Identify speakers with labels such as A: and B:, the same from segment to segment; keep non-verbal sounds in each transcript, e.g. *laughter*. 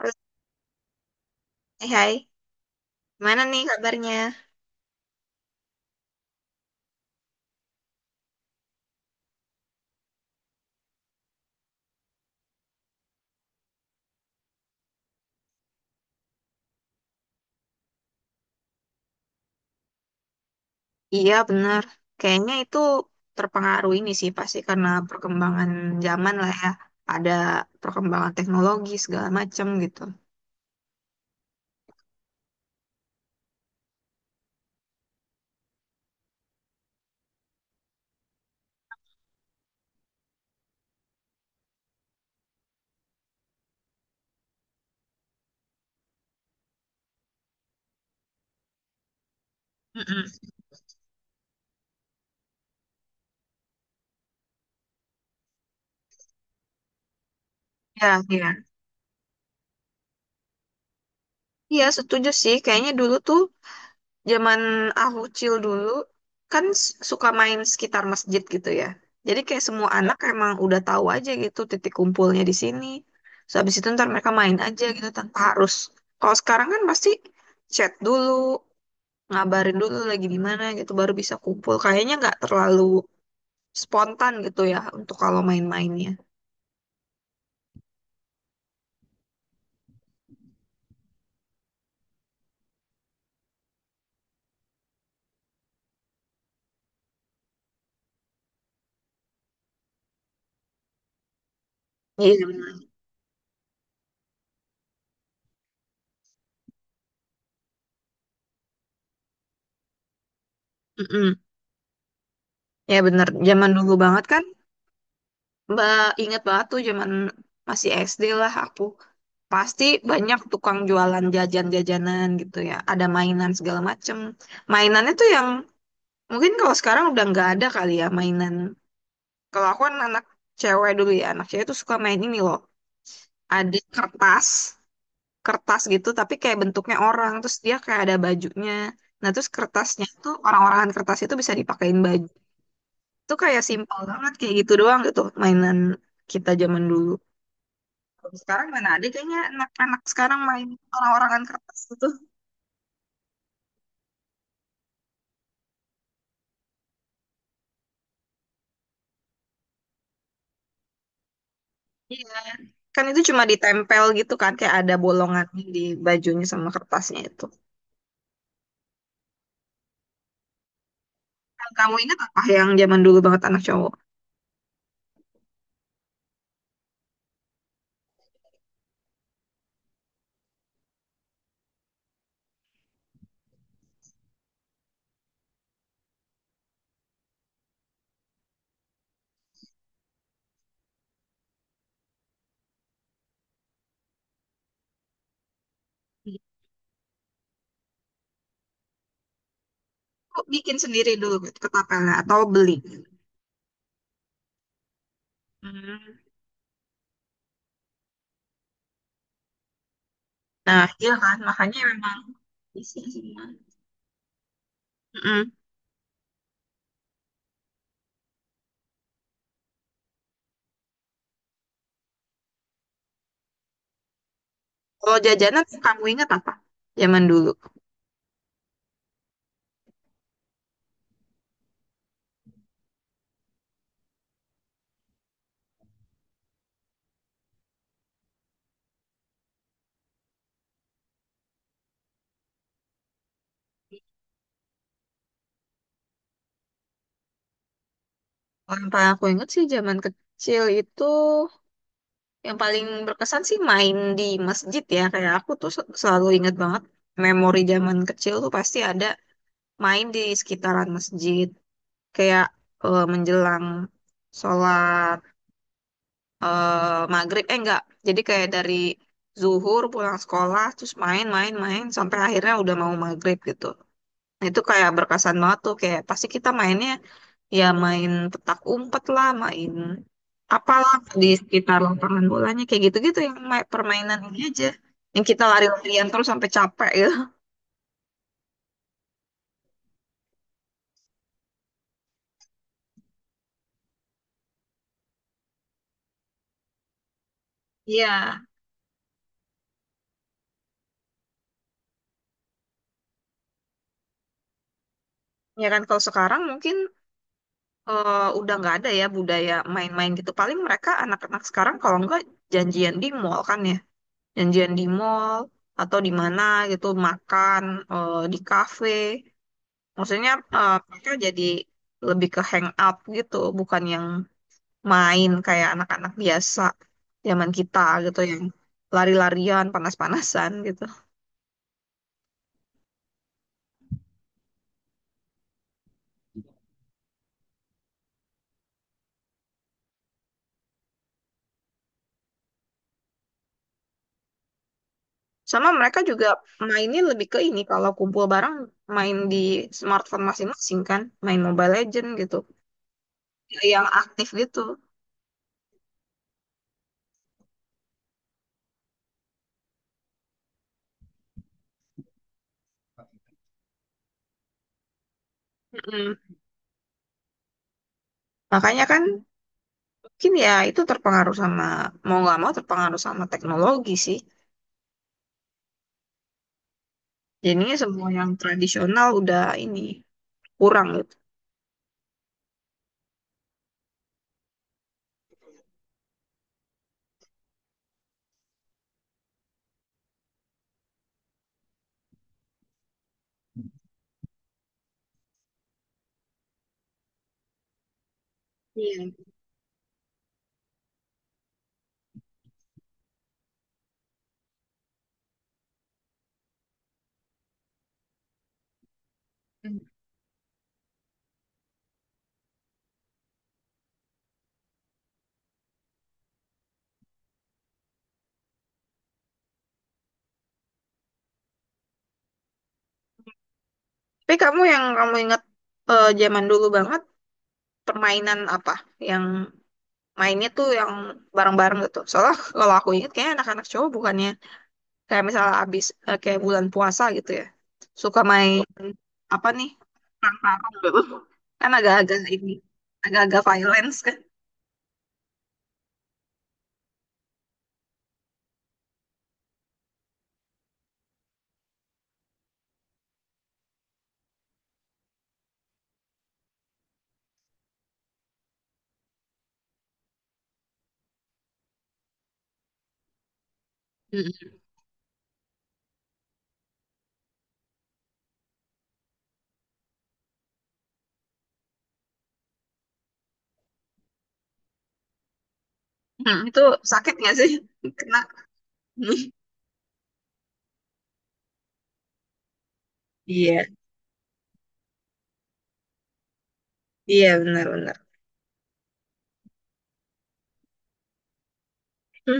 A: Halo, hai, hai. Gimana nih kabarnya? Iya, benar. Kayaknya itu terpengaruh ini sih, pasti karena perkembangan zaman lah ya. Ada perkembangan teknologi segala macam gitu. Mm-mm. Ya, iya. Iya, setuju sih. Kayaknya dulu tuh zaman aku kecil dulu kan suka main sekitar masjid gitu ya. Jadi kayak semua anak emang udah tahu aja gitu titik kumpulnya di sini. So, habis itu ntar mereka main aja gitu tanpa harus. Kalau sekarang kan pasti chat dulu, ngabarin dulu lagi di mana gitu baru bisa kumpul. Kayaknya nggak terlalu spontan gitu ya untuk kalau main-mainnya. Iya benar. Mm-mm. Ya benar. Zaman dulu banget kan, Mbak inget banget tuh zaman masih SD lah aku. Pasti banyak tukang jualan jajan-jajanan gitu ya. Ada mainan segala macem. Mainannya tuh yang mungkin kalau sekarang udah nggak ada kali ya mainan. Kalau aku kan anak cewek dulu ya, anak cewek tuh suka main ini loh. Ada kertas, kertas gitu tapi kayak bentuknya orang terus dia kayak ada bajunya. Nah terus kertasnya tuh orang-orangan kertas itu bisa dipakein baju. Itu kayak simpel banget kayak gitu doang gitu mainan kita zaman dulu. Kalau sekarang mana ada kayaknya anak-anak sekarang main orang-orangan kertas gitu. Iya kan itu cuma ditempel gitu kan kayak ada bolongannya di bajunya sama kertasnya itu. Yang kamu ingat apa yang zaman dulu banget anak cowok? Aku bikin sendiri dulu gitu, ketapelnya atau beli? Hmm. Nah, iya kan, makanya memang isi sih. Mm-mm. Kalau jajanan kamu ingat apa? Zaman dulu. Kalau yang paling aku ingat sih zaman kecil itu yang paling berkesan sih main di masjid ya. Kayak aku tuh selalu ingat banget memori zaman kecil tuh pasti ada main di sekitaran masjid. Kayak menjelang sholat, eh, maghrib. Eh enggak, jadi kayak dari zuhur pulang sekolah terus main-main-main sampai akhirnya udah mau maghrib gitu. Itu kayak berkesan banget tuh kayak pasti kita mainnya ya main petak umpet lah, main apalah di sekitar lapangan bolanya kayak gitu-gitu yang permainan ini aja. Yang kita lari-larian terus sampai capek gitu. *laughs* Iya, ya kan kalau sekarang mungkin udah nggak ada ya budaya main-main gitu. Paling mereka anak-anak sekarang kalau nggak janjian di mall kan ya, janjian di mall atau di mana gitu makan di kafe. Maksudnya mereka jadi lebih ke hang out gitu, bukan yang main kayak anak-anak biasa zaman kita gitu yang lari-larian, panas-panasan gitu. Sama mereka juga mainnya lebih ke ini kalau kumpul bareng main di smartphone masing-masing kan, main Mobile Legend gitu. Yang aktif gitu. Mm-mm. Makanya kan mungkin ya itu terpengaruh sama mau nggak mau terpengaruh sama teknologi sih. Jadinya semua yang tradisional udah ini kurang gitu. Iya. Hmm. Tapi kamu yang kamu ingat zaman dulu banget permainan apa yang mainnya tuh yang bareng-bareng gitu. Soalnya kalau aku ingat kayaknya anak-anak cowok bukannya kayak misalnya abis kayak bulan puasa gitu ya. Suka main apa nih? Tarung gitu. Kan agak-agak ini agak-agak violence kan. Mm. Hmm, itu sakit nggak sih? *laughs* Kena. Iya, iya benar-benar. Hmm,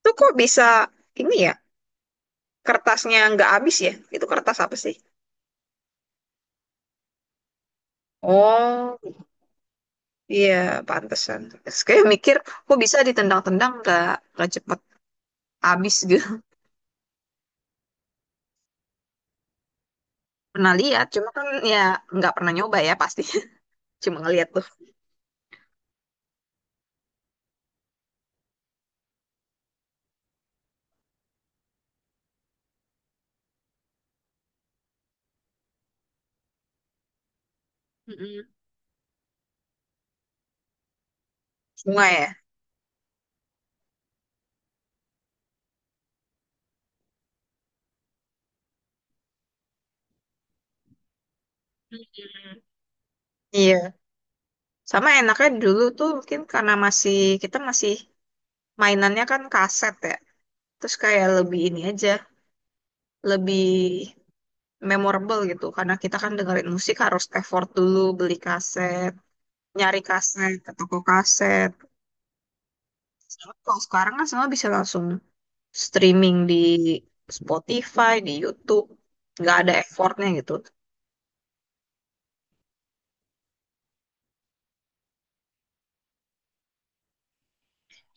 A: itu kok bisa ini ya? Kertasnya nggak habis ya? Itu kertas apa sih? Oh. Iya, pantesan. Terus kayak mikir, kok bisa ditendang-tendang nggak cepet habis gitu. *laughs* Pernah lihat, cuma kan ya nggak pernah nyoba ya pasti. *laughs* Cuma ngeliat tuh. Mm-mm. Bunga ya. Mm-mm. Iya, sama enaknya dulu tuh mungkin karena masih kita masih mainannya kan kaset ya. Terus kayak lebih ini aja, lebih memorable gitu karena kita kan dengerin musik harus effort dulu beli kaset, nyari kaset ke toko kaset. Kalau sekarang kan semua bisa langsung streaming di Spotify, di YouTube, nggak ada effortnya gitu.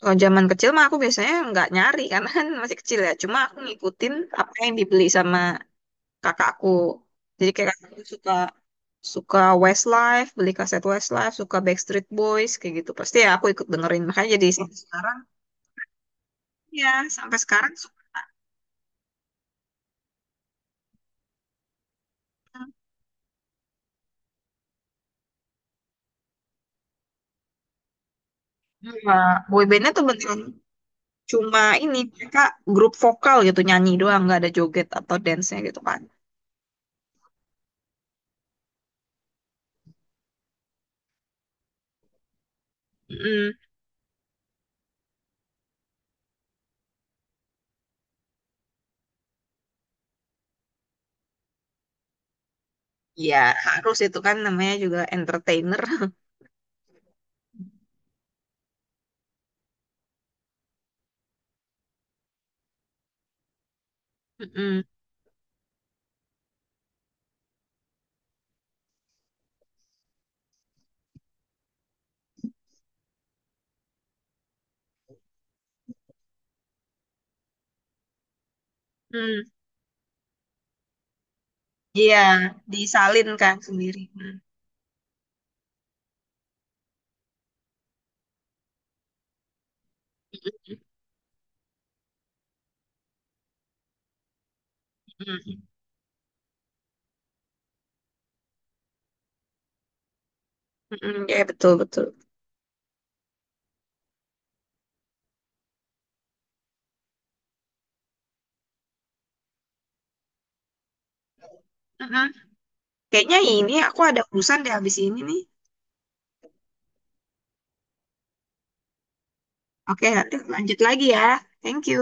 A: Kalau zaman kecil mah aku biasanya nggak nyari *laughs* karena kan masih kecil ya. Cuma aku ngikutin apa yang dibeli sama kakakku. Jadi kayak kakakku suka suka Westlife, beli kaset Westlife, suka Backstreet Boys kayak gitu. Pasti ya aku ikut dengerin. Makanya jadi sampai sekarang ya sampai sekarang suka. Iya, boybandnya tuh beneran cuma ini mereka grup vokal gitu nyanyi doang nggak ada joget atau dance-nya gitu kan. Mm, ya harus itu kan namanya juga entertainer. *laughs* Mm-mm. Mm. Iya, disalinkan sendiri. Mm. Mm. Mm. Iya, betul betul. Mm-mm. Kayaknya ini aku ada urusan deh habis ini nih. Oke, nanti lanjut lagi ya. Thank you.